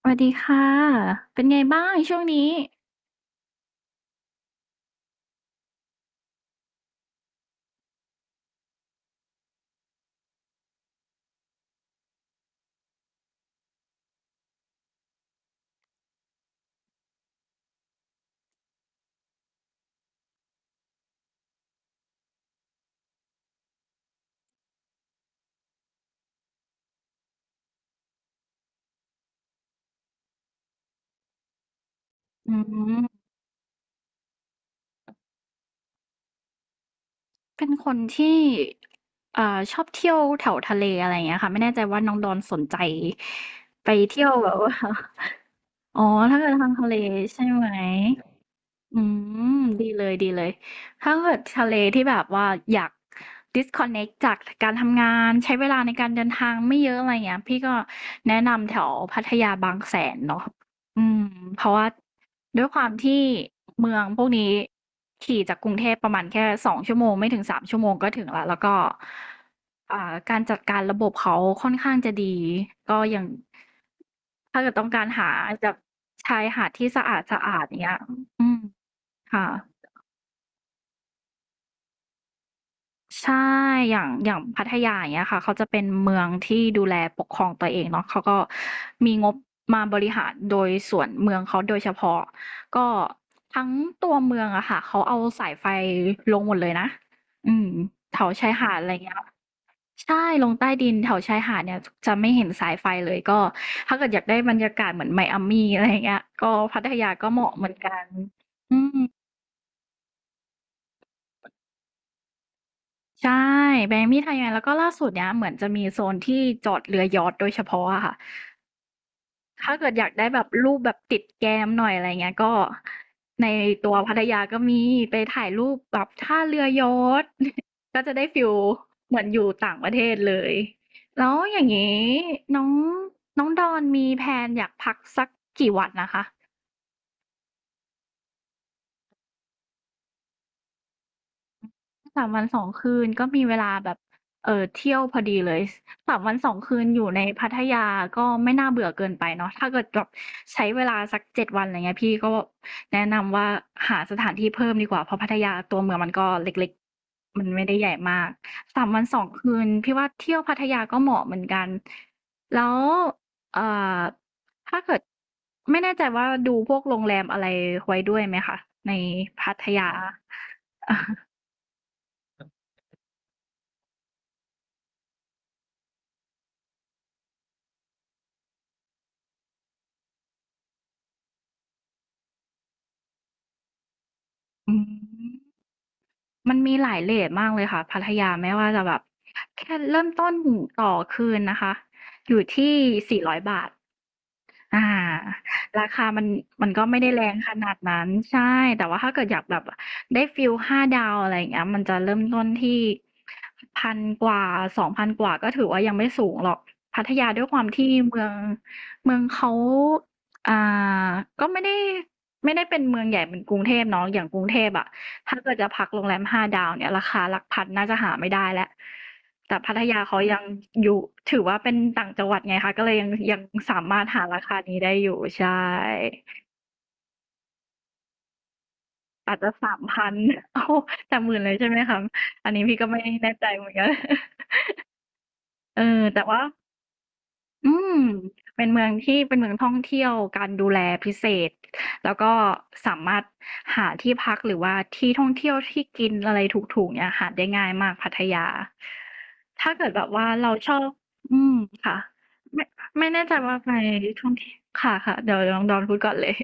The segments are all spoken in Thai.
สวัสดีค่ะเป็นไงบ้างช่วงนี้อืมเป็นคนที่เอ่อชอบเที่ยวแถวทะเลอะไรอย่างเงี้ยค่ะ ไม่แน่ใจว่าน้องดอนสนใจไปเที่ยวแบบว่า อ๋อถ้าเกิดทางทะเลใช่ไหม อืมดีเลยดีเลยถ้าเกิดทะเลที่แบบว่าอยาก disconnect จากการทำงานใช้เวลาในการเดินทางไม่เยอะอะไรเงี้ยพี่ก็แนะนำแถวพัทยาบางแสนเนาะอืมเพราะว่าด้วยความที่เมืองพวกนี้ขี่จากกรุงเทพประมาณแค่2 ชั่วโมงไม่ถึง3 ชั่วโมงก็ถึงละแล้วก็การจัดการระบบเขาค่อนข้างจะดีก็อย่างถ้าเกิดต้องการหาจากชายหาดที่สะอาดสะอาดอย่างเงี้ยอืม ค่ะใช่อย่างพัทยาอย่างเงี้ยค่ะเขาจะเป็นเมืองที่ดูแลปกครองตัวเองเนาะเขาก็มีงบมาบริหารโดยส่วนเมืองเขาโดยเฉพาะก็ทั้งตัวเมืองอะค่ะเขาเอาสายไฟลงหมดเลยนะอืมแถวชายหาดอะไรเงี้ยใช่ลงใต้ดินแถวชายหาดเนี่ยจะไม่เห็นสายไฟเลยก็ถ้าเกิดอยากได้บรรยากาศเหมือน Miami อะไรอย่างเงี้ยก็พัทยาก็เหมาะเหมือนกันอืม ใช่แบรนด์มีดไทยแลนด์แล้วก็ล่าสุดเนี้ยเหมือนจะมีโซนที่จอดเรือยอชต์โดยเฉพาะอะค่ะถ้าเกิดอยากได้แบบรูปแบบติดแกมหน่อยอะไรเงี้ยก็ในตัวพัทยาก็มีไปถ่ายรูปแบบท่าเรือยอชต์ ก็จะได้ฟีลเหมือนอยู่ต่างประเทศเลยแล้วอย่างงี้น้องน้องดอนมีแพลนอยากพักสักกี่วันนะคะ 3วัน2 คืนก็มีเวลาแบบเที่ยวพอดีเลย3วันสองคืนอยู่ในพัทยาก็ไม่น่าเบื่อเกินไปเนาะถ้าเกิดแบบใช้เวลาสัก7วันไรเงี้ยพี่ก็แนะนำว่าหาสถานที่เพิ่มดีกว่าเพราะพัทยาตัวเมืองมันก็เล็กๆมันไม่ได้ใหญ่มาก3วัน2คืนพี่ว่าเที่ยวพัทยาก็เหมาะเหมือนกันแล้วเอ่อถ้าเกิดไม่แน่ใจว่าดูพวกโรงแรมอะไรไว้ด้วยไหมคะในพัทยาอืม มันมีหลายเรตมากเลยค่ะพัทยาไม่ว่าจะแบบแค่เริ่มต้นต่อคืนนะคะอยู่ที่400บาทอาราคามันก็ไม่ได้แรงขนาดนั้นใช่แต่ว่าถ้าเกิดอยากแบบได้ฟีลห้าดาวอะไรอย่างเงี้ยมันจะเริ่มต้นที่1,000กว่า2,000กว่าก็ถือว่ายังไม่สูงหรอกพัทยาด้วยความที่เมืองเขาอ่าก็ไม่ได้เป็นเมืองใหญ่เหมือนกรุงเทพเนาะอย่างกรุงเทพอะ ถ้าเกิดจะพักโรงแรมห้าดาวเนี่ยราคาหลักพันน่าจะหาไม่ได้แล้ว แต่พัทยาเขายังอยู่ถือว่าเป็นต่างจังหวัดไงคะ ก็เลยยังสามารถหาราคานี้ได้อยู่ใช่ อาจจะ3พัน โอ้แต่หมื่นเลยใช่ไหมคะอันนี้พี่ก็ไม่แน่ใจเหมือนกัน เออ แต่ว่า อืมเป็นเมืองที่เป็นเมืองท่องเที่ยวการดูแลพิเศษแล้วก็สามารถหาที่พักหรือว่าที่ท่องเที่ยวที่กินอะไรถูกๆเนี่ยหาได้ง่ายมากพัทยาถ้าเกิดแบบว่าเราชอบอืมค่ะไม่ไม่แน่ใจว่าไปท่องเที่ยวค่ะค่ะเดี๋ยวลองดอนพูดก่อนเลย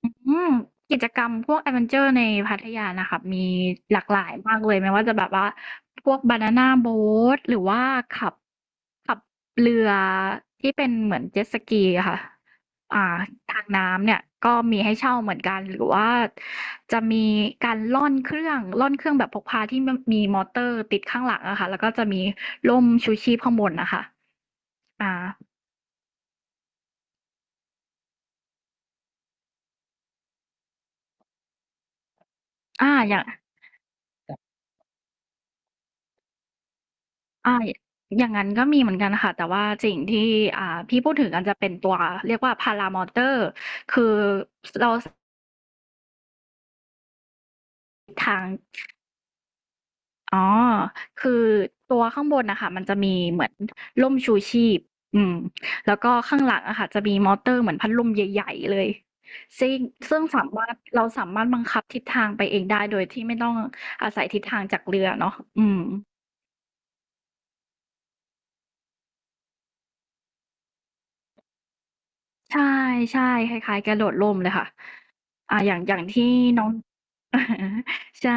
อืมกิจกรรมพวกแอดเวนเจอร์ในพัทยานะคะมีหลากหลายมากเลยไม่ว่าจะแบบว่าพวกบานาน่าโบ๊ทหรือว่าขับ ขับเรือที่เป็นเหมือนเจ็ตสกีอะค่ะอ่าทางน้ำเนี่ยก็มีให้เช่าเหมือนกันหรือว่าจะมีการล่อนเครื่องแบบพกพาที่มันมีมอเตอร์ติดข้างหลังอะค่ะแล้วก็จะมีร่มชูชีพข้างบนนะคะอ่าอ่าอย่างอ่าอย่างนั้นก็มีเหมือนกันค่ะแต่ว่าสิ่งที่อ่าพี่พูดถึงกันจะเป็นตัวเรียกว่าพารามอเตอร์คือเราสทาง อ๋อ คือตัวข้างบนน่ะค่ะมันจะมีเหมือนร่มชูชีพ อืม แล้วก็ข้างหลังอะค่ะจะมีมอเตอร์เหมือนพัดลมใหญ่ๆเลยซิ่งซึ่งสามารถเราสามารถบังคับทิศทางไปเองได้โดยที่ไม่ต้องอาศัยทิศทางจากเรือเนาะอืม ใช่ๆคล้ายๆกระโดดร่มเลยค่ะอย่างที่น้อง อะฮะใช่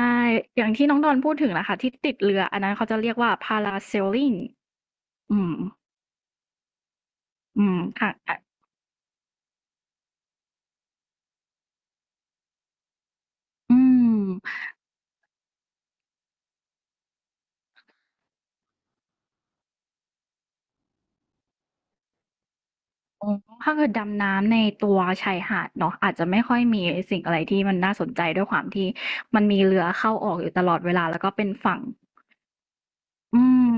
อย่างที่น้องดอนพูดถึงน่ะค่ะที่ติดเรืออันนั้นเขาจะเรียกว่า Parasailing อืมอืมค่ะๆอืม อ๋อถ้าเกิดดำน้ำในตัวชายหาดเนาะอาจจะไม่ค่อยมีสิ่งอะไรที่มันน่าสนใจด้วยความที่มันมีเรือเข้าออกอยู่ตลอดเวลาแล้วก็เป็นฝั่งอืม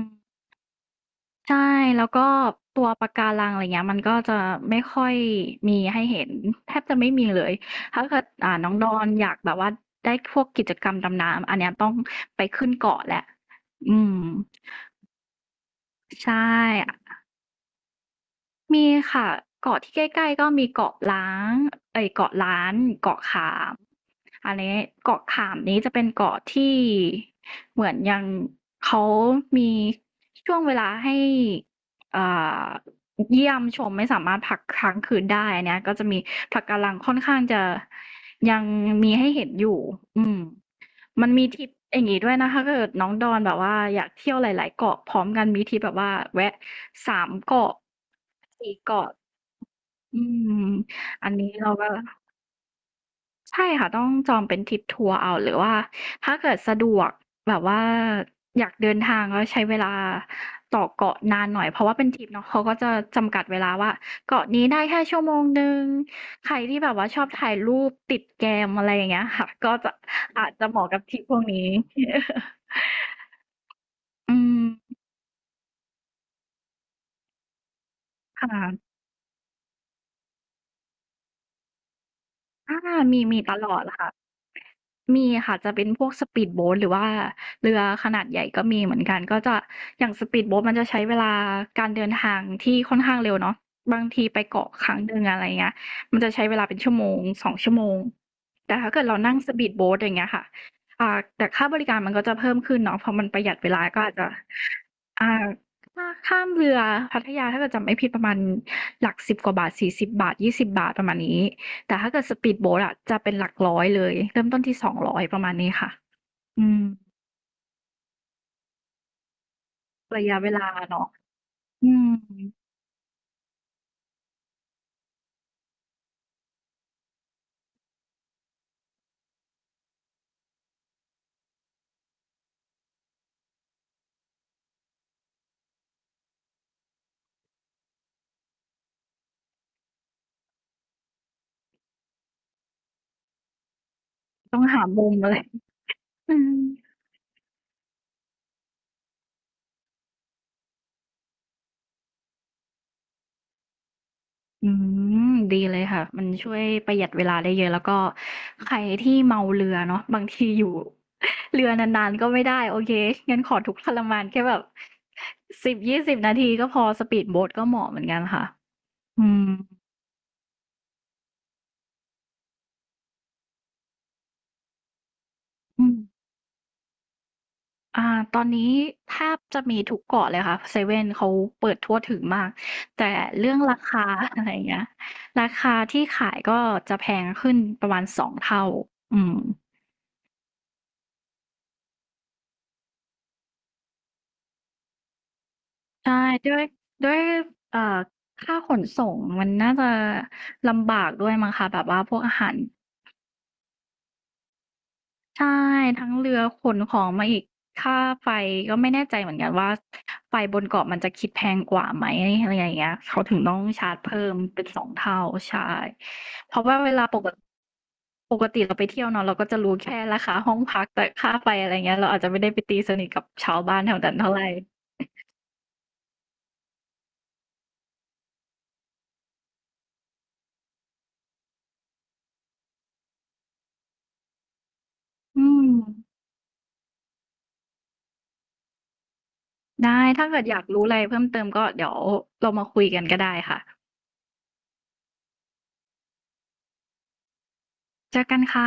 ใช่แล้วก็ตัวปะการังอะไรเงี้ยมันก็จะไม่ค่อยมีให้เห็นแทบจะไม่มีเลยถ้าเกิดน้องดอนอยากแบบว่าได้พวกกิจกรรมดำน้ำอันเนี้ยต้องไปขึ้นเกาะแหละอืมใช่ มีค่ะเกาะที่ใกล้ๆก็มีเกาะล้านเกาะขามอันนี้เกาะขามนี้จะเป็นเกาะที่เหมือนยังเขามีช่วงเวลาให้อ่าเยี่ยมชมไม่สามารถพักค้างคืนได้อันเนี้ยก็จะมีปะการังค่อนข้างจะยังมีให้เห็นอยู่อืม มันมีทริปอย่างงี้ด้วยนะคะถ้าเกิดน้องดอนแบบว่าอยากเที่ยวหลายๆเกาะพร้อมกันมีทริปแบบว่าแวะสามเกาะสี่เกาะอืมอันนี้เราก็ใช่ค่ะต้องจองเป็นทริปทัวร์เอาหรือว่าถ้าเกิดสะดวกแบบว่าอยากเดินทางแล้วใช้เวลาต่อเกาะนานหน่อยเพราะว่าเป็นทริปเนาะเขาก็จะจำกัดเวลาว่าเกาะนี้ได้แค่ชั่วโมงหนึ่งใครที่แบบว่าชอบถ่ายรูปติดแกมอะไรอย่างเงี้ยค่ะก็จะอาจจะเหมาะกับทริปพวกนี้ อืมค่ะอามีตลอดค่ะมีค่ะจะเป็นพวก speed boat หรือว่าเรือขนาดใหญ่ก็มีเหมือนกันก็จะอย่าง speed boat มันจะใช้เวลาการเดินทางที่ค่อนข้างเร็วเนาะบางทีไปเกาะครั้งหนึ่งอะไรเงี้ยมันจะใช้เวลาเป็นชั่วโมง2ชั่วโมงแต่ถ้าเกิดเรานั่ง speed boat อย่างเงี้ยค่ะอ่าแต่ค่าบริการมันก็จะเพิ่มขึ้นเนาะเพราะมันประหยัดเวลาก็อาจจะอ่าถ้าข้ามเรือพัทยาถ้าเกิดจำไม่ผิดประมาณหลักสิบกว่าบาทสิบบาทยี่สิบบาทประมาณนี้ แต่ถ้าเกิดสปีดโบ๊ทอะจะเป็นหลักร้อยเลยเริ่มต้นที่200ประมาณนี้ค่ะอืมระยะเวลาเนาะอืมต้องหามุมอะไรอืมอืมดีเลยค่ะมันช่วยประหยัดเวลาได้เยอะแล้วก็ใครที่เมาเรือเนาะบางทีอยู่เรือนานๆก็ไม่ได้โอเคงั้นขอทุกข์ทรมานแค่แบบ10-20นาทีก็พอสปีดโบ๊ทก็เหมาะเหมือนกันค่ะอืมอืม อ่าตอนนี้แทบจะมีทุกเกาะเลยค่ะเซเว่นเขาเปิดทั่วถึงมากแต่เรื่องราคา อะไรอย่างเงี้ยราคาที่ขายก็จะแพงขึ้นประมาณ2เท่าอืมใช่ด้วยด้วยเอ่อค่าขนส่งมันน่าจะลำบากด้วยมั้งคะแบบว่าพวกอาหาร ใช่ทั้งเรือขนของมาอีกค่าไฟก็ไม่แน่ใจเหมือนกันว่าไฟบนเกาะมันจะคิดแพงกว่าไหมอะไรอย่างเงี้ยเขาถึงต้องชาร์จเพิ่มเป็น2เท่าใช่เพราะว่าเวลาปกติเราไปเที่ยวเนาะเราก็จะรู้แค่ราคาห้องพักแต่ค่าไฟอะไรเงี้ยเราอาจจะไม่ได้ไปตีสนิทกับชาวบ้านแถวนั้นเท่าไรอืมได้ถ้าเกิดอยากรู้อะไรเพิ่มเติมก็เดี๋ยวเรามาคุยกันก็ได้ค่ะเจอกันค่ะ